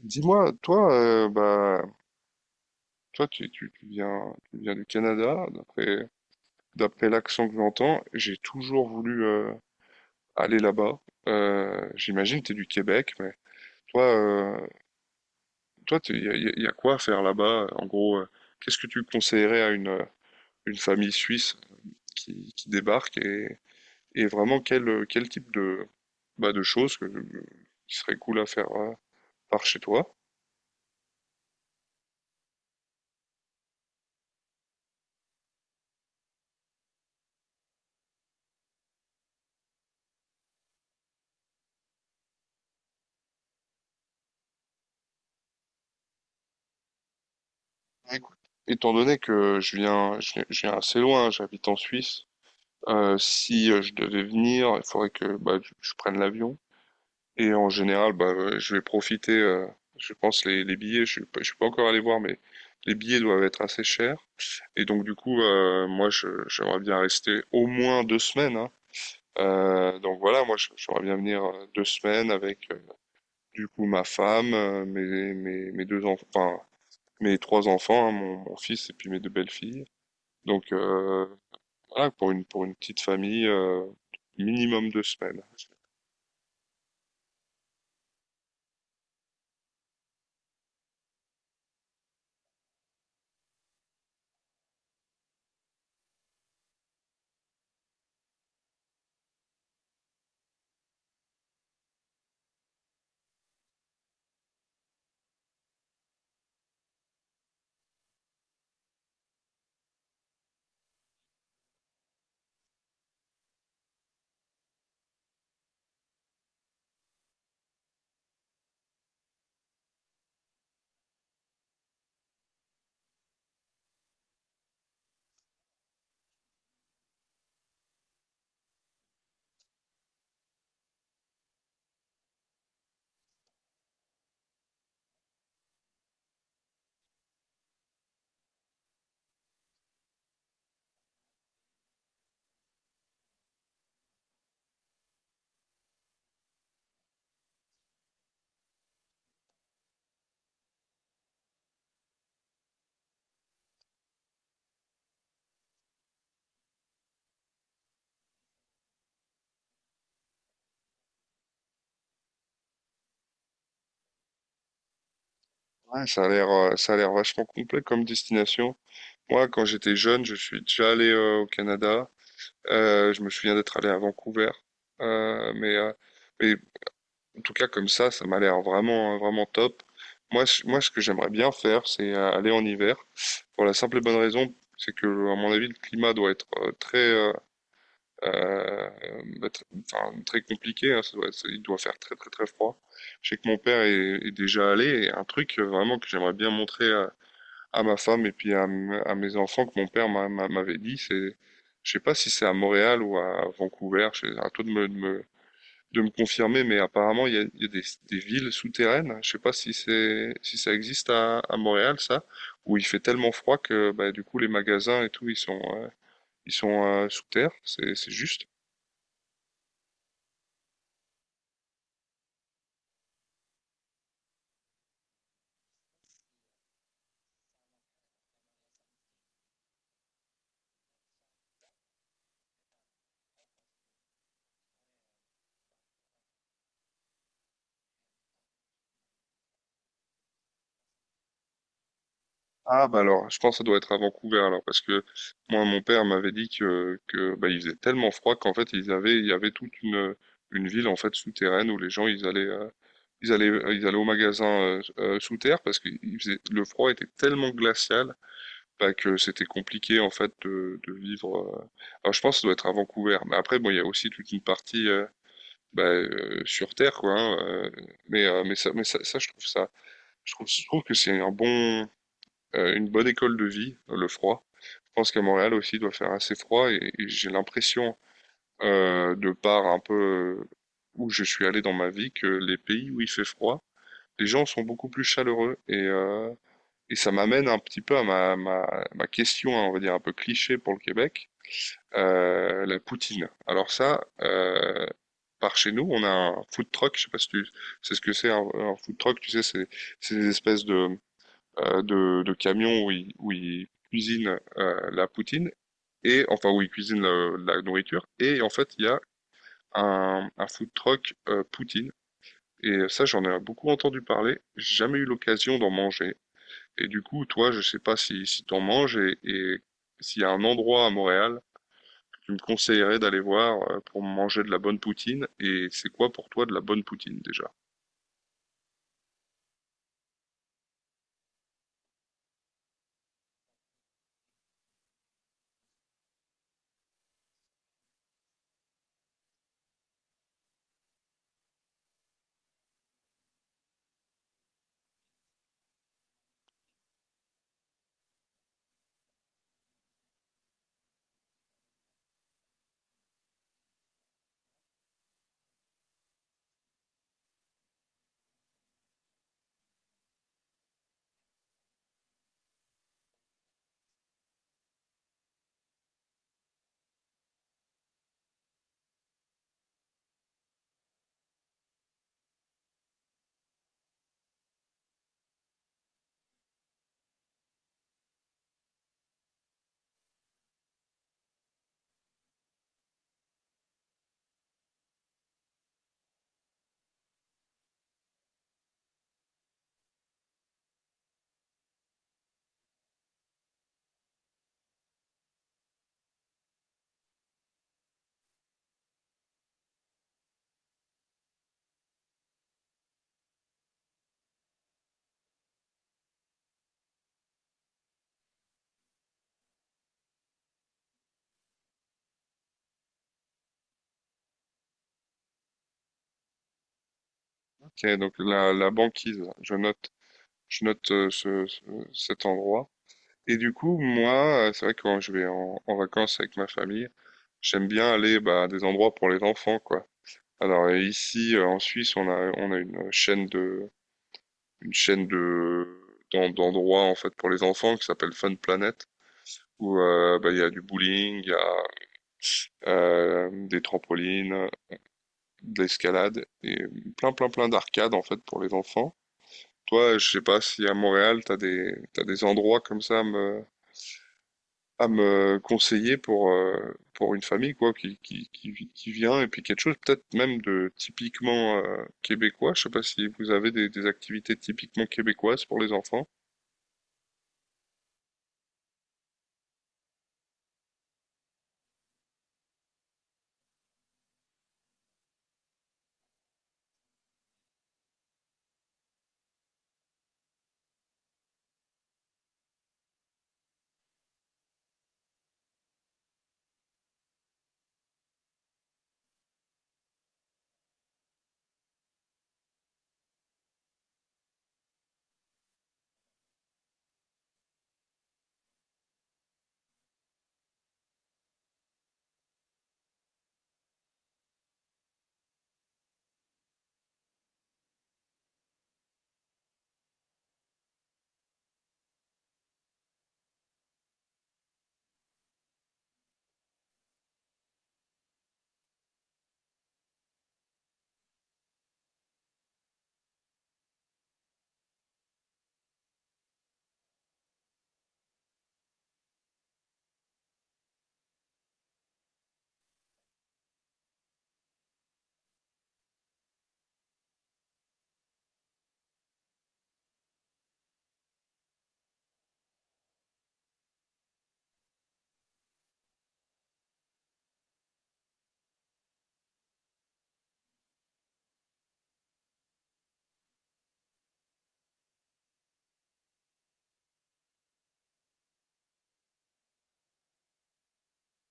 Dis-moi, toi, toi, tu viens du Canada, d'après l'accent que j'entends. J'ai toujours voulu aller là-bas. J'imagine que tu es du Québec, mais toi, euh, toi, il y a, y a- y a quoi à faire là-bas? En gros, qu'est-ce que tu conseillerais à une famille suisse qui débarque et vraiment quel type de, de choses qui serait cool à faire par chez toi? Écoute, étant donné que je viens assez loin, j'habite en Suisse. Si je devais venir, il faudrait que je prenne l'avion. Et en général, je vais profiter, je pense, les billets, je suis pas encore allé voir, mais les billets doivent être assez chers. Et donc, moi, j'aimerais bien rester au moins deux semaines, hein. Donc voilà, j'aimerais bien venir deux semaines avec, du coup, ma femme, mes deux enfants, enfin, mes trois enfants, hein, mon fils et puis mes deux belles-filles. Donc, voilà, pour une petite famille, minimum deux semaines. Ah, ça a l'air vachement complet comme destination. Moi, quand j'étais jeune, je suis déjà allé au Canada. Je me souviens d'être allé à Vancouver. Euh, mais, euh, mais en tout cas, comme ça m'a l'air vraiment top. Moi, ce que j'aimerais bien faire, c'est aller en hiver. Pour la simple et bonne raison, c'est que, à mon avis, le climat doit être euh, bah, tr- enfin, très compliqué, hein. Il doit faire très, très, très froid. Je sais que mon est déjà allé. Et un truc vraiment que j'aimerais bien montrer, à ma femme et puis à mes enfants, que mon m'avait dit. C'est, je sais pas si c'est à Montréal ou à Vancouver. À toi de de me confirmer, mais apparemment il y a des villes souterraines. Je sais pas si c'est, si ça existe à Montréal, ça, où il fait tellement froid que du coup les magasins et tout ils sont sous terre. C'est juste. Ah bah alors, je pense que ça doit être à Vancouver alors, parce que moi mon père m'avait dit que bah, il faisait tellement froid qu'en fait ils avaient il y avait toute une ville en fait souterraine où les gens ils allaient ils allaient au magasin sous terre parce que le froid était tellement glacial, bah, que c'était compliqué en fait de vivre, Alors je pense que ça doit être à Vancouver, mais après bon il y a aussi toute une partie sur terre quoi, hein. Je trouve ça je trouve que c'est un bon une bonne école de vie, le froid. Je pense qu'à Montréal aussi il doit faire assez froid, et j'ai l'impression, de par un peu où je suis allé dans ma vie, que les pays où il fait froid, les gens sont beaucoup plus chaleureux, et ça m'amène un petit peu à ma question, hein, on va dire un peu cliché pour le Québec, la poutine. Alors ça, par chez nous, on a un food truck, je sais pas si tu sais ce que c'est un food truck, tu sais, c'est des espèces de de camions où où ils cuisinent la poutine et enfin où ils cuisinent la nourriture. Et en fait, il y a un food truck poutine. Et ça, j'en ai beaucoup entendu parler. J'ai jamais eu l'occasion d'en manger. Et du coup, toi, je sais pas si t'en manges, et s'il y a un endroit à Montréal que tu me conseillerais d'aller voir pour manger de la bonne poutine. Et c'est quoi pour toi de la bonne poutine déjà? Ok, donc la banquise, je note cet endroit. Et du coup, moi, c'est vrai que quand je vais en vacances avec ma famille, j'aime bien aller bah, à des endroits pour les enfants, quoi. Alors en Suisse, on a une chaîne de, une chaîne d'endroits en fait pour les enfants qui s'appelle Fun Planet, où bah, il y a du bowling, il y a des trampolines, de l'escalade et plein, plein, plein d'arcades en fait pour les enfants. Toi, je sais pas si à Montréal, t'as des endroits comme ça à me conseiller pour une famille quoi qui vient, et puis quelque chose peut-être même de typiquement québécois. Je sais pas si vous avez des activités typiquement québécoises pour les enfants.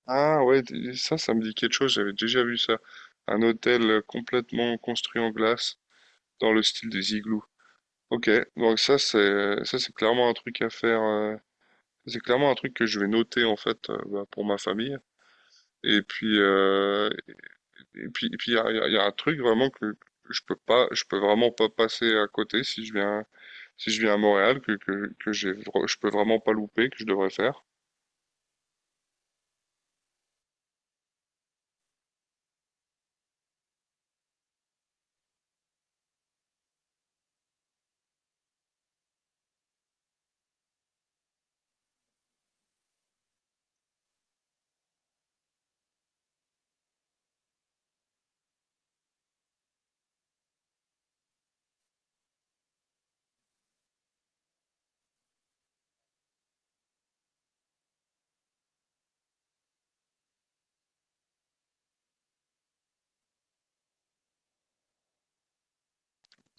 Ah ouais, ça, ça me dit quelque chose. J'avais déjà vu ça. Un hôtel complètement construit en glace dans le style des igloos. Ok, donc ça c'est clairement un truc à faire. C'est clairement un truc que je vais noter en fait bah, pour ma famille. Et puis, euh, et puis il y a, il y a un truc vraiment que je peux vraiment pas passer à côté si je viens, si je viens à Montréal, que j'ai, je peux vraiment pas louper, que je devrais faire.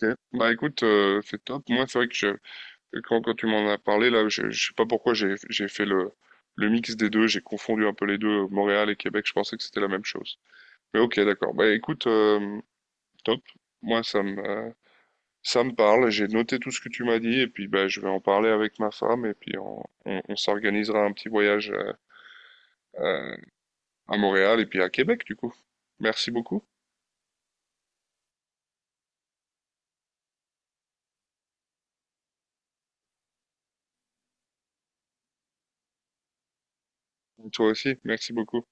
Ok, bah écoute, c'est top. Moi, c'est vrai que quand tu m'en as parlé, là, je sais pas pourquoi j'ai fait le mix des deux, j'ai confondu un peu les deux, Montréal et Québec, je pensais que c'était la même chose. Mais ok, d'accord. Bah écoute, top. Moi, ça me, euh, Ça me parle, j'ai noté tout ce que tu m'as dit, et puis bah, je vais en parler avec ma femme, et puis on s'organisera un petit voyage euh, à Montréal et puis à Québec du coup. Merci beaucoup. Toi aussi, merci beaucoup.